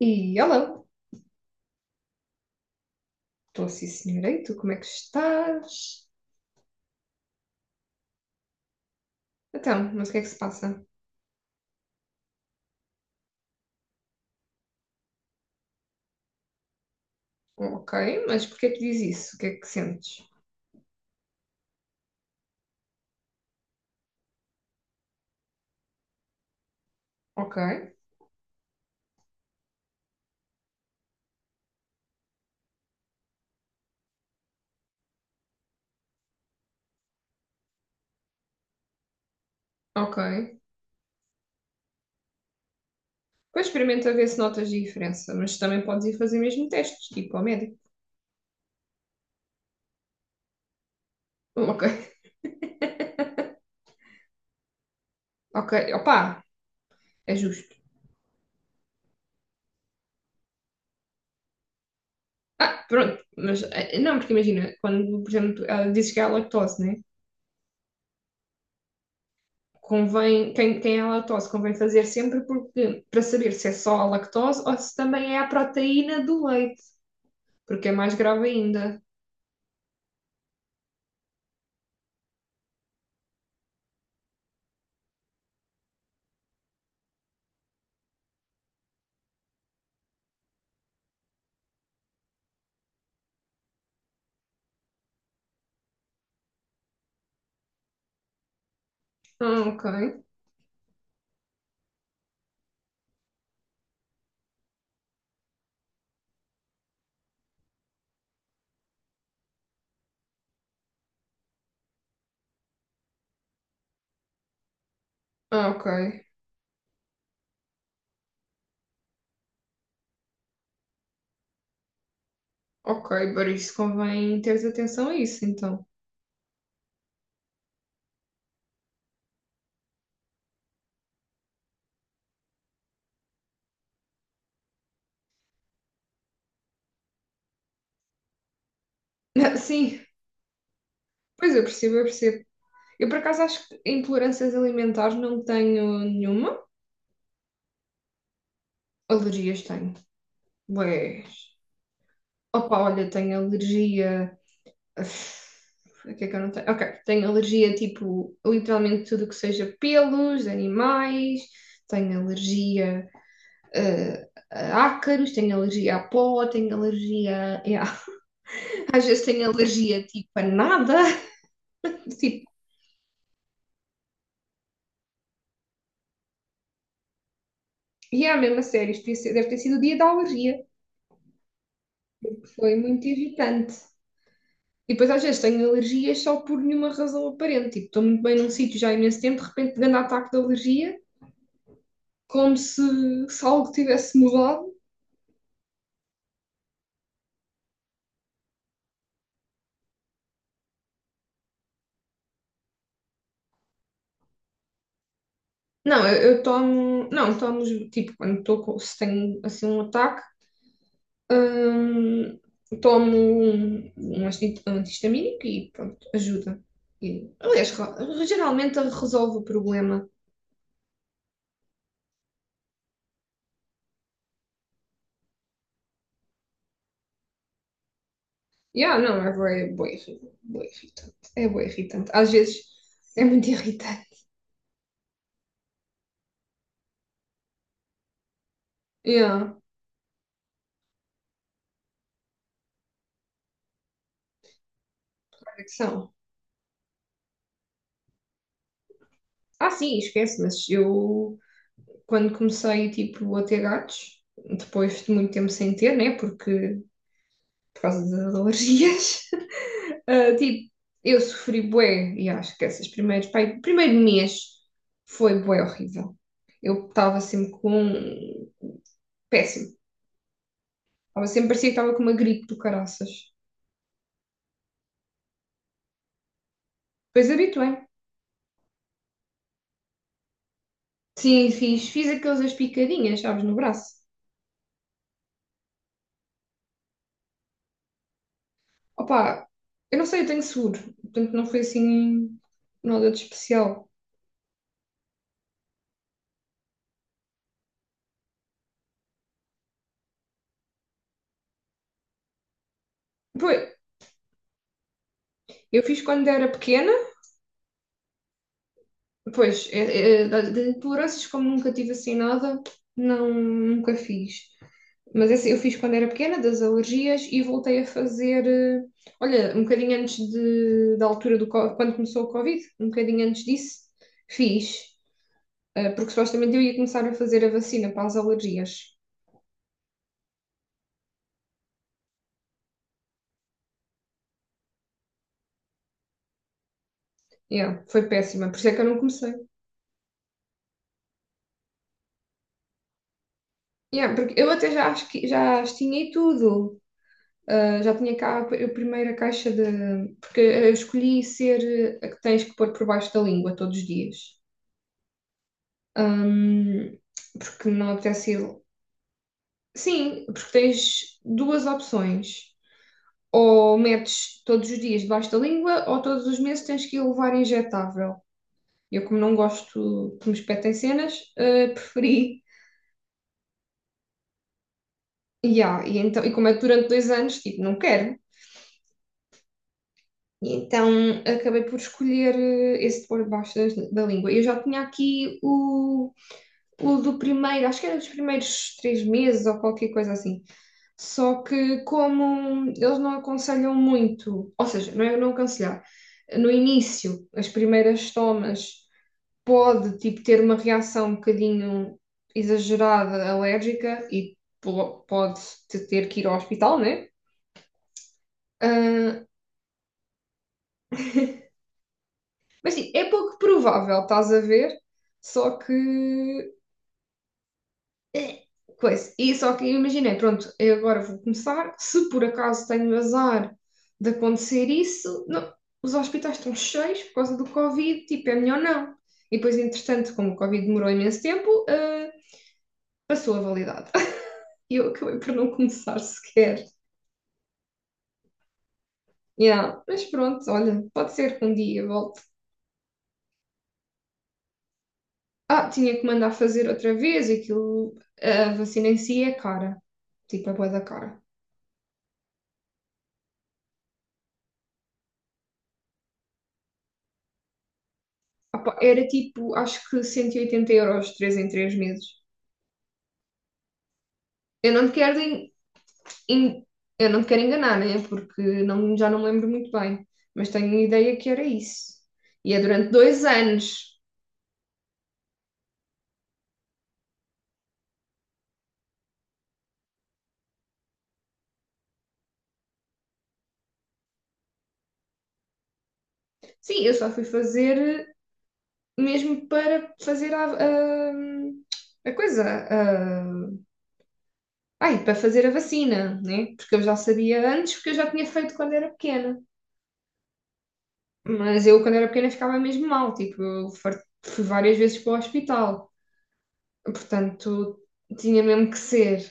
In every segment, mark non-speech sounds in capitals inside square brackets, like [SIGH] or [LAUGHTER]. E olá, estou sim senhora, e tu como é que estás? Então, mas o que é que se passa? Ok, mas porquê é que diz isso? O que é que sentes? Ok, ok. Depois experimenta ver se notas diferença, mas também podes ir fazer mesmo testes, tipo ao médico. Ok, ok, opá, é justo. Ah, pronto, mas não, porque imagina, quando, por exemplo, ela dizes que é a lactose, né? Convém, quem é a lactose convém fazer sempre porque, para saber se é só a lactose ou se também é a proteína do leite, porque é mais grave ainda. Ah, ok. Ah, ok. Ok, por isso convém teres atenção a isso, então. [LAUGHS] Sim, pois eu percebo, eu percebo. Eu, por acaso, acho que intolerâncias alimentares não tenho nenhuma. Alergias tenho. Ué. Opa, olha, tenho alergia. Uf. O que é que eu não tenho? Ok, tenho alergia, tipo, literalmente tudo que seja pelos, animais. Tenho alergia, a ácaros, tenho alergia a pó, tenho alergia às vezes tenho alergia, tipo, a nada. [LAUGHS] Tipo, e é mesmo a sério, isto deve ter sido o dia da alergia. Foi muito irritante. E depois às vezes tenho alergias só por nenhuma razão aparente. Tipo, estou muito bem num sítio já há imenso tempo, de repente grande ataque de alergia, como se algo tivesse mudado. Não, eu tomo, não, tomo, tipo, quando estou, se tenho assim um ataque, hum, tomo um anti-histamínico e pronto, ajuda. E, aliás, geralmente resolve o problema. Yeah, não, é bué, bué irritante. É bué irritante. Às vezes é muito [LAUGHS] irritante. Yeah, olha que são. Ah, sim, esquece, mas eu quando comecei tipo a ter gatos, depois de muito tempo sem ter, né, porque por causa das alergias, [LAUGHS] ah, tipo, eu sofri bué, e acho que pai, o primeiro mês foi bué horrível. Eu estava sempre com péssimo. Estava sempre parecia que estava com uma gripe do caraças. Depois habituei. Sim, fiz aqueles picadinhas, sabes, no braço. Opa, eu não sei, eu tenho seguro, portanto não foi assim nada de especial. Pois, eu fiz quando era pequena, pois, de intolerâncias, como nunca tive assim nada, não, nunca fiz. Mas esse eu fiz quando era pequena, das alergias, e voltei a fazer, olha, um bocadinho antes de, da altura do, quando começou o Covid, um bocadinho antes disso, fiz, porque supostamente eu ia começar a fazer a vacina para as alergias. Yeah, foi péssima, por isso é que eu não comecei. Yeah, porque eu até já, já as tinha e tudo. Ah, já tinha cá a primeira caixa de. Porque eu escolhi ser a que tens que pôr por baixo da língua todos os dias. Ahm, Porque não apetece ir. Sim, porque tens duas opções. Ou metes todos os dias debaixo da língua, ou todos os meses tens que ir levar injetável. Eu, como não gosto que me espetem cenas, preferi. E, então, e como é que durante 2 anos, tipo, não quero. E então acabei por escolher esse de pôr debaixo da língua. Eu já tinha aqui o do primeiro, acho que era dos primeiros 3 meses ou qualquer coisa assim. Só que como eles não aconselham muito, ou seja, não é não aconselhar, no início, as primeiras tomas, pode, tipo, ter uma reação um bocadinho exagerada, alérgica, e pode ter que ir ao hospital, né? Ah, mas sim, é pouco provável, estás a ver? Só que. É. Coisa. E só que eu imaginei, pronto, eu agora vou começar. Se por acaso tenho azar de acontecer isso, não, os hospitais estão cheios por causa do Covid, tipo, é melhor não. E depois, entretanto, como o Covid demorou imenso tempo, passou a validade. [LAUGHS] E eu acabei por não começar sequer. Yeah. Mas pronto, olha, pode ser que um dia volte. Ah, tinha que mandar fazer outra vez, aquilo, a vacina em si é cara, tipo, é bué da cara. Ah pá, era tipo, acho que 180 euros, 3 em 3 meses. Eu não te quero, en- eu não te quero enganar, né? Porque não, já não me lembro muito bem, mas tenho a ideia que era isso. E é durante 2 anos. Sim, eu só fui fazer mesmo para fazer a coisa, a, ai, para fazer a vacina, né? Porque eu já sabia antes, porque eu já tinha feito quando era pequena. Mas eu, quando era pequena, ficava mesmo mal, tipo, eu fui várias vezes para o hospital. Portanto, tinha mesmo que ser.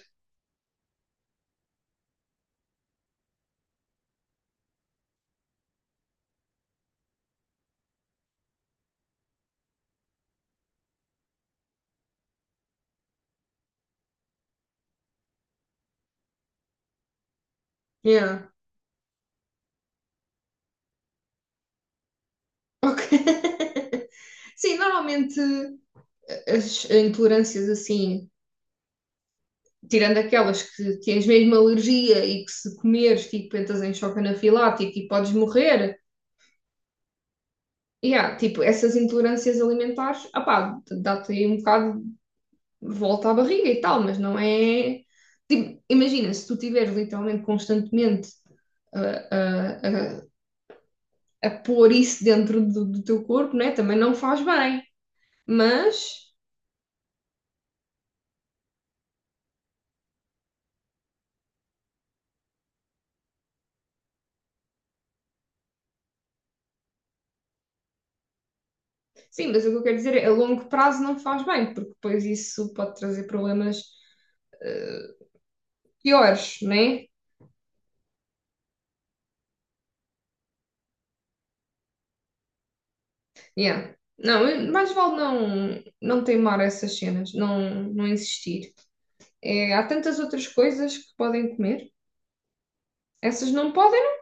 Yeah. Ok. [LAUGHS] Sim, normalmente as intolerâncias assim, tirando aquelas que tens mesmo alergia e que se comeres, tipo, entras em choque anafilático e podes morrer. Yeah, tipo, essas intolerâncias alimentares, ah pá dá-te aí um bocado de volta à barriga e tal, mas não é. Tipo, imagina, se tu tiveres literalmente constantemente a, a, a pôr isso dentro do teu corpo, né? Também não faz bem. Mas, sim, mas o que eu quero dizer é a longo prazo não faz bem, porque depois isso pode trazer problemas eh, piores, né? Yeah. Não, mais vale não, não teimar essas cenas, não, não insistir. É, há tantas outras coisas que podem comer, essas não podem, não.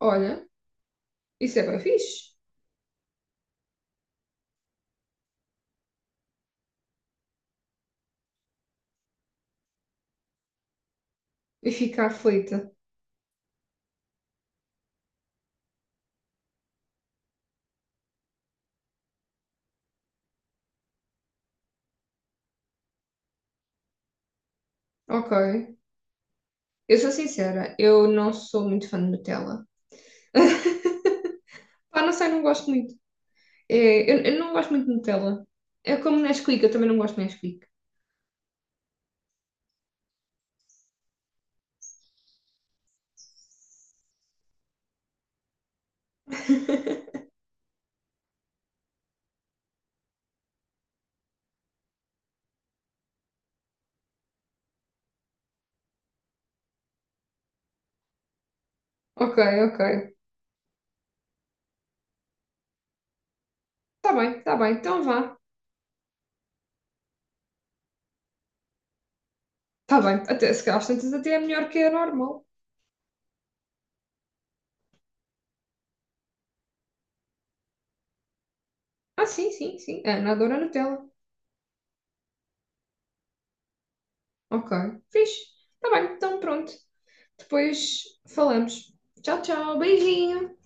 Olha, isso é bem fixe. E ficar aflita. Ok. Eu sou sincera, eu não sou muito fã de Nutella. [LAUGHS] Pá, não sei, não gosto muito. É, eu não gosto muito de Nutella. É como Nesquik, eu também não gosto de Nesquik. [LAUGHS] Ok, ok. Tá bem, então vá. Tá bem, até, se calhar às tantas até é melhor que a normal. Ah, sim, sim, sim. A Ana adora Nutella. Ok, fixe. Tá bem, então pronto. Depois falamos. Tchau, tchau, beijinho.